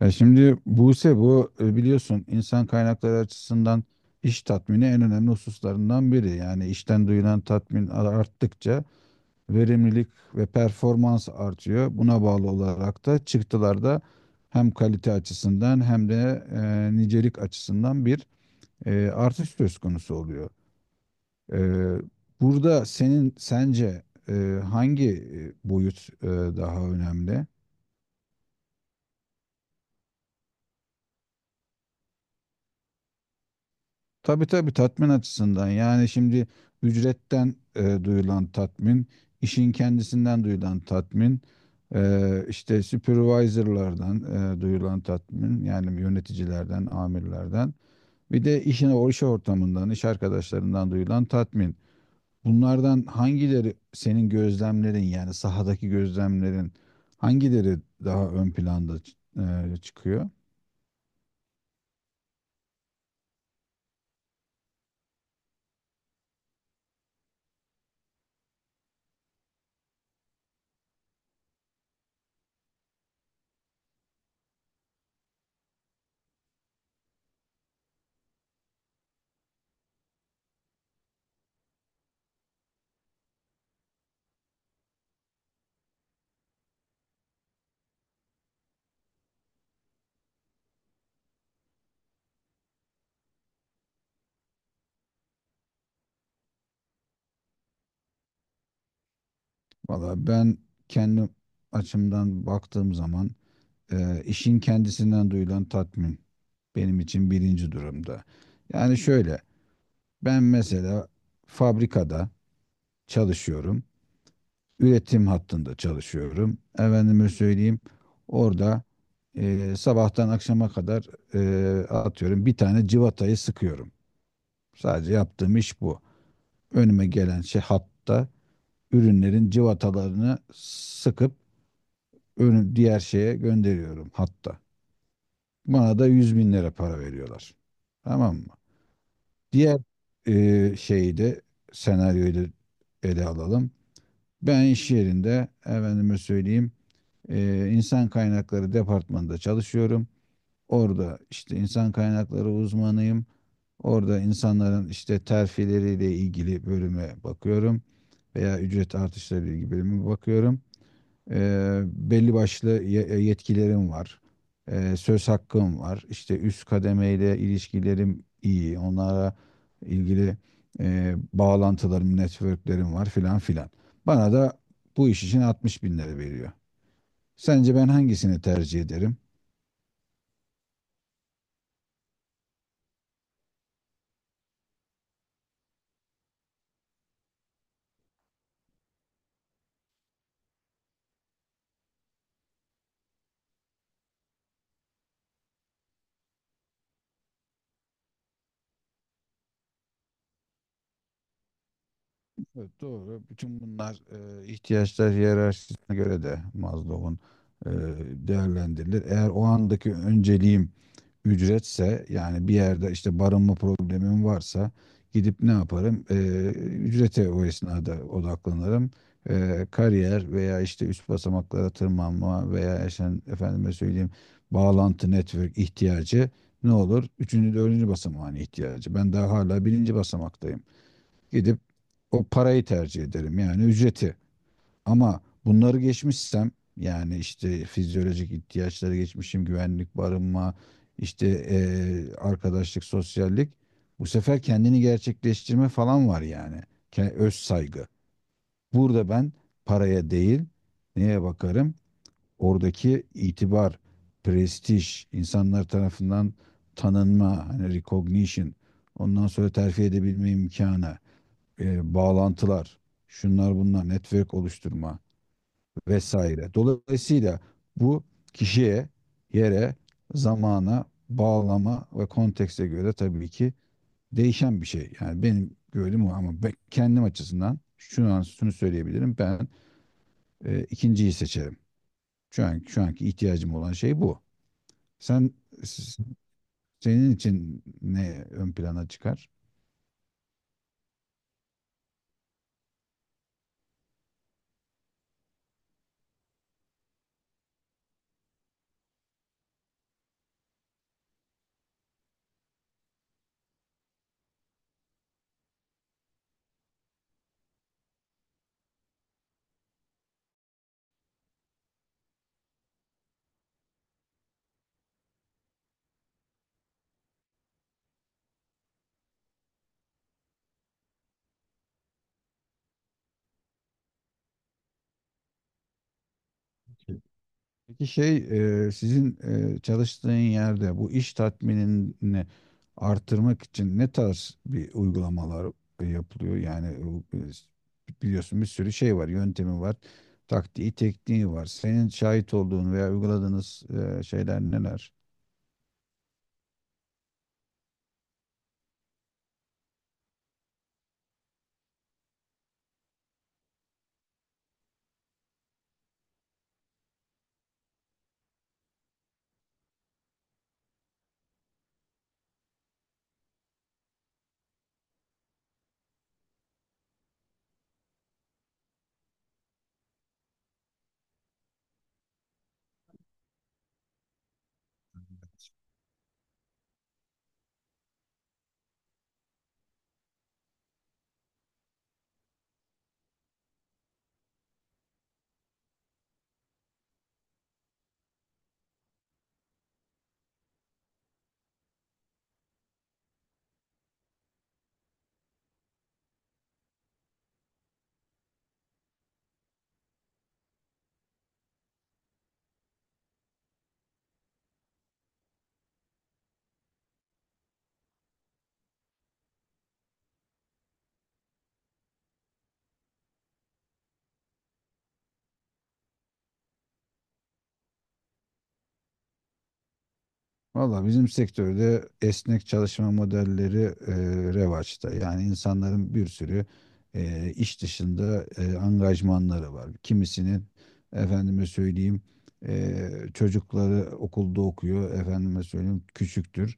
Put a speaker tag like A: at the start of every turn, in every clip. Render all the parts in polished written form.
A: Ya şimdi Buse bu biliyorsun, insan kaynakları açısından iş tatmini en önemli hususlarından biri. Yani işten duyulan tatmin arttıkça verimlilik ve performans artıyor. Buna bağlı olarak da çıktılar da hem kalite açısından hem de nicelik açısından bir artış söz konusu oluyor. E, Burada senin sence hangi boyut daha önemli? Tabii tabii, tatmin açısından. Yani şimdi ücretten duyulan tatmin, işin kendisinden duyulan tatmin, işte supervisorlardan duyulan tatmin, yani yöneticilerden, amirlerden, bir de işine, o iş ortamından, iş arkadaşlarından duyulan tatmin. Bunlardan hangileri, senin gözlemlerin yani sahadaki gözlemlerin, hangileri daha ön planda çıkıyor? Valla ben kendi açımdan baktığım zaman işin kendisinden duyulan tatmin benim için birinci durumda. Yani şöyle, ben mesela fabrikada çalışıyorum, üretim hattında çalışıyorum. Efendime söyleyeyim, orada sabahtan akşama kadar atıyorum bir tane civatayı sıkıyorum. Sadece yaptığım iş bu. Önüme gelen şey hatta, ürünlerin civatalarını sıkıp önü diğer şeye gönderiyorum hatta. Bana da 100.000 lira para veriyorlar. Tamam mı? Diğer şeyi de, senaryoyu da ele alalım. Ben iş yerinde efendime söyleyeyim insan kaynakları departmanında çalışıyorum. Orada işte insan kaynakları uzmanıyım. Orada insanların işte terfileriyle ilgili bölüme bakıyorum veya ücret artışları ile ilgili bölüme bakıyorum. Belli başlı yetkilerim var. Söz hakkım var. İşte üst kademeyle ilişkilerim iyi. Onlara ilgili bağlantılarım, networklerim var, filan filan. Bana da bu iş için 60.000 lira veriyor. Sence ben hangisini tercih ederim? Evet, doğru. Bütün bunlar ihtiyaçlar hiyerarşisine göre de, Maslow'un eee değerlendirilir. Eğer o andaki önceliğim ücretse, yani bir yerde işte barınma problemim varsa, gidip ne yaparım? Ücrete o esnada odaklanırım. Kariyer veya işte üst basamaklara tırmanma veya işte efendime söyleyeyim bağlantı, network ihtiyacı ne olur? Üçüncü, dördüncü basamağın ihtiyacı. Ben daha hala birinci basamaktayım. Gidip o parayı tercih ederim, yani ücreti. Ama bunları geçmişsem, yani işte fizyolojik ihtiyaçları geçmişim, güvenlik, barınma, işte arkadaşlık, sosyallik. Bu sefer kendini gerçekleştirme falan var yani. Öz saygı. Burada ben paraya değil, neye bakarım? Oradaki itibar, prestij, insanlar tarafından tanınma, hani recognition, ondan sonra terfi edebilme imkanı, bağlantılar, şunlar bunlar, network oluşturma vesaire. Dolayısıyla bu kişiye, yere, zamana, bağlama ve kontekste göre tabii ki değişen bir şey. Yani benim gördüğüm o, ama ben kendim açısından şu an şunu söyleyebilirim. Ben ikinciyi seçerim. Şu an şu anki ihtiyacım olan şey bu. Sen, senin için ne ön plana çıkar? Peki şey, sizin çalıştığın yerde bu iş tatminini artırmak için ne tarz bir uygulamalar yapılıyor? Yani bu, biliyorsun bir sürü şey var, yöntemi var, taktiği, tekniği var. Senin şahit olduğun veya uyguladığınız şeyler neler? Valla bizim sektörde esnek çalışma modelleri e, revaçta. Yani insanların bir sürü iş dışında angajmanları var. Kimisinin efendime söyleyeyim çocukları okulda okuyor. Efendime söyleyeyim küçüktür.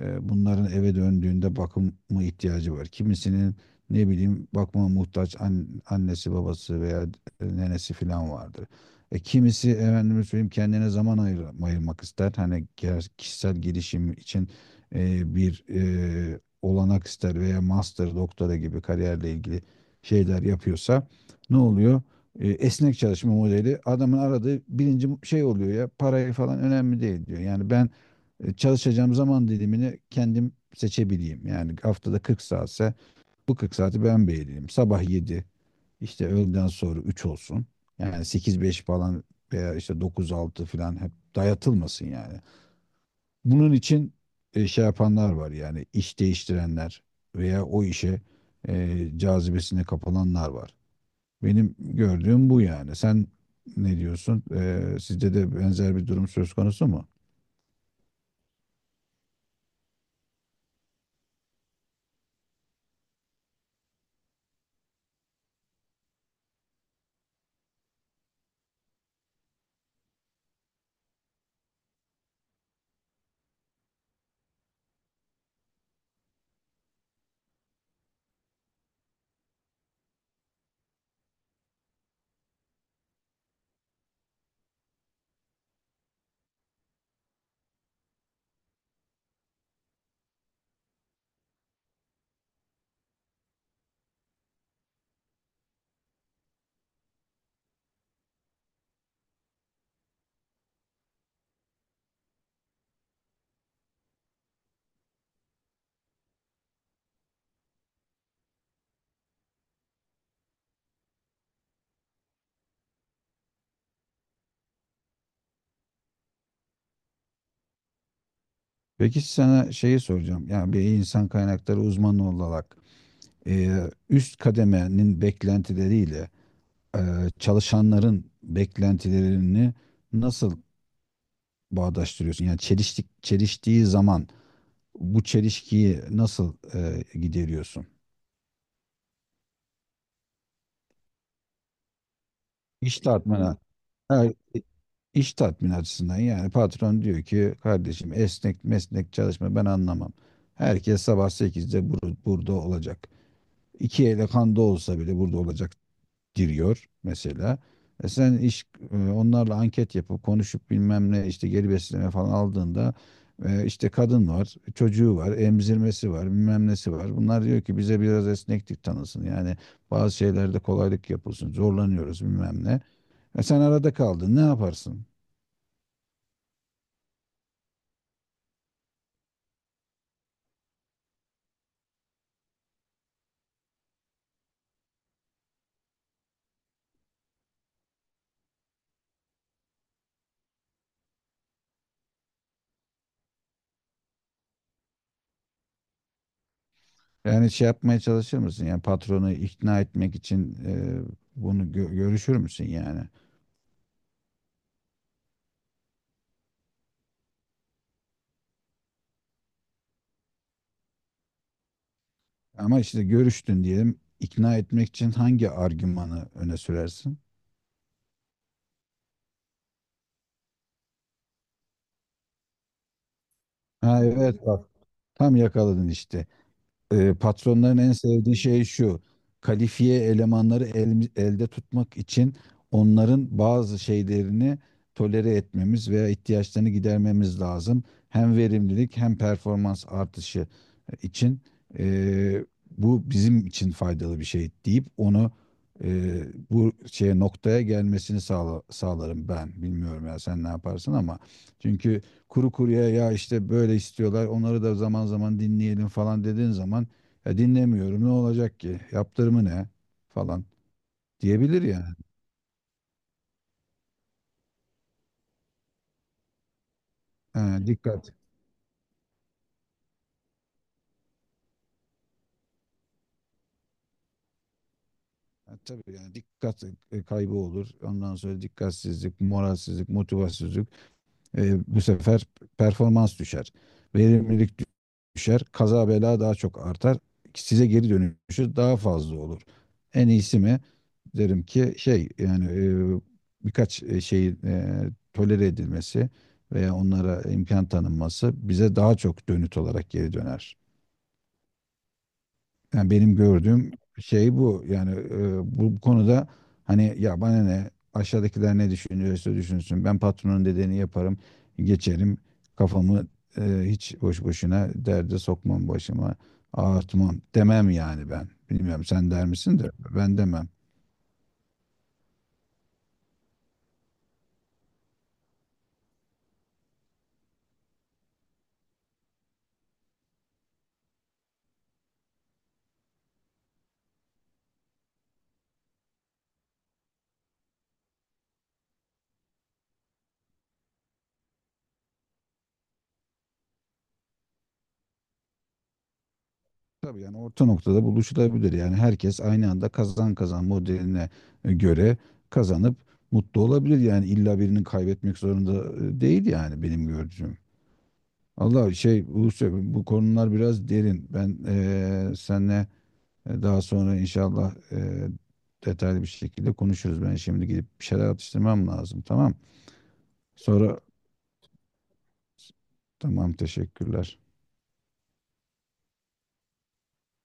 A: Bunların eve döndüğünde bakımı ihtiyacı var. Kimisinin ne bileyim bakıma muhtaç annesi babası veya nenesi falan vardır. Kimisi efendime söyleyeyim kendine zaman ayırmak ister. Hani kişisel gelişim için bir olanak ister veya master, doktora gibi kariyerle ilgili şeyler yapıyorsa ne oluyor? Esnek çalışma modeli adamın aradığı birinci şey oluyor. Ya, parayı falan önemli değil diyor. Yani ben çalışacağım zaman dilimini kendim seçebileyim. Yani haftada 40 saatse bu 40 saati ben belirleyeyim. Sabah 7, işte öğleden sonra 3 olsun. Yani 8-5 falan veya işte 9-6 falan hep dayatılmasın yani. Bunun için şey yapanlar var, yani iş değiştirenler veya o işe cazibesine kapılanlar var. Benim gördüğüm bu yani. Sen ne diyorsun? Sizde de benzer bir durum söz konusu mu? Peki sana şeyi soracağım. Yani bir insan kaynakları uzmanı olarak e, üst kademenin beklentileriyle e, çalışanların beklentilerini nasıl bağdaştırıyorsun? Yani çeliştiği zaman bu çelişkiyi nasıl gideriyorsun? İş tatmini, ha, iş tatmini açısından. Yani patron diyor ki, kardeşim, esnek mesnek çalışma ben anlamam. Herkes sabah sekizde burada olacak. İki ele kanda olsa bile burada olacak, giriyor mesela. E sen iş, onlarla anket yapıp konuşup bilmem ne, işte geri besleme falan aldığında işte kadın var, çocuğu var, emzirmesi var, bilmem nesi var. Bunlar diyor ki bize biraz esneklik tanısın. Yani bazı şeylerde kolaylık yapılsın. Zorlanıyoruz bilmem ne. E sen arada kaldın. Ne yaparsın? Yani şey yapmaya çalışır mısın? Yani patronu ikna etmek için bunu görüşür müsün yani? Ama işte görüştün diyelim. İkna etmek için hangi argümanı öne sürersin? Ha evet, bak, tam yakaladın işte. Patronların en sevdiği şey şu. Kalifiye elemanları elde tutmak için onların bazı şeylerini tolere etmemiz veya ihtiyaçlarını gidermemiz lazım. Hem verimlilik hem performans artışı için e, bu bizim için faydalı bir şey deyip, onu e, bu şeye, noktaya gelmesini sağlarım ben. Bilmiyorum, ya sen ne yaparsın ama, çünkü kuru kuruya ya, işte böyle istiyorlar, onları da zaman zaman dinleyelim falan dediğin zaman, ya, dinlemiyorum, ne olacak ki, yaptırımı ne falan diyebilir yani. Ha, dikkat. Ha, tabii yani, dikkat kaybı olur. Ondan sonra dikkatsizlik, moralsizlik, motivasyonsuzluk. Bu sefer performans düşer. Verimlilik düşer. Kaza bela daha çok artar. Size geri dönüşü daha fazla olur. En iyisi mi? Derim ki, şey yani e, birkaç şeyin tolere edilmesi veya onlara imkan tanınması bize daha çok dönüt olarak geri döner. Yani benim gördüğüm şey bu. Yani bu konuda, hani, ya bana ne, aşağıdakiler ne düşünüyorsa düşünsün. Ben patronun dediğini yaparım, geçerim. Kafamı hiç boş boşuna derde sokmam, başıma ağartmam, demem yani ben. Bilmiyorum, sen der misin, de ben demem. Tabii, yani orta noktada buluşulabilir. Yani herkes aynı anda kazan kazan modeline göre kazanıp mutlu olabilir. Yani illa birinin kaybetmek zorunda değil, yani benim gördüğüm. Allah şey, Buse, bu konular biraz derin. Ben seninle daha sonra inşallah detaylı bir şekilde konuşuruz. Ben şimdi gidip bir şeyler atıştırmam lazım. Tamam. Sonra, tamam, teşekkürler.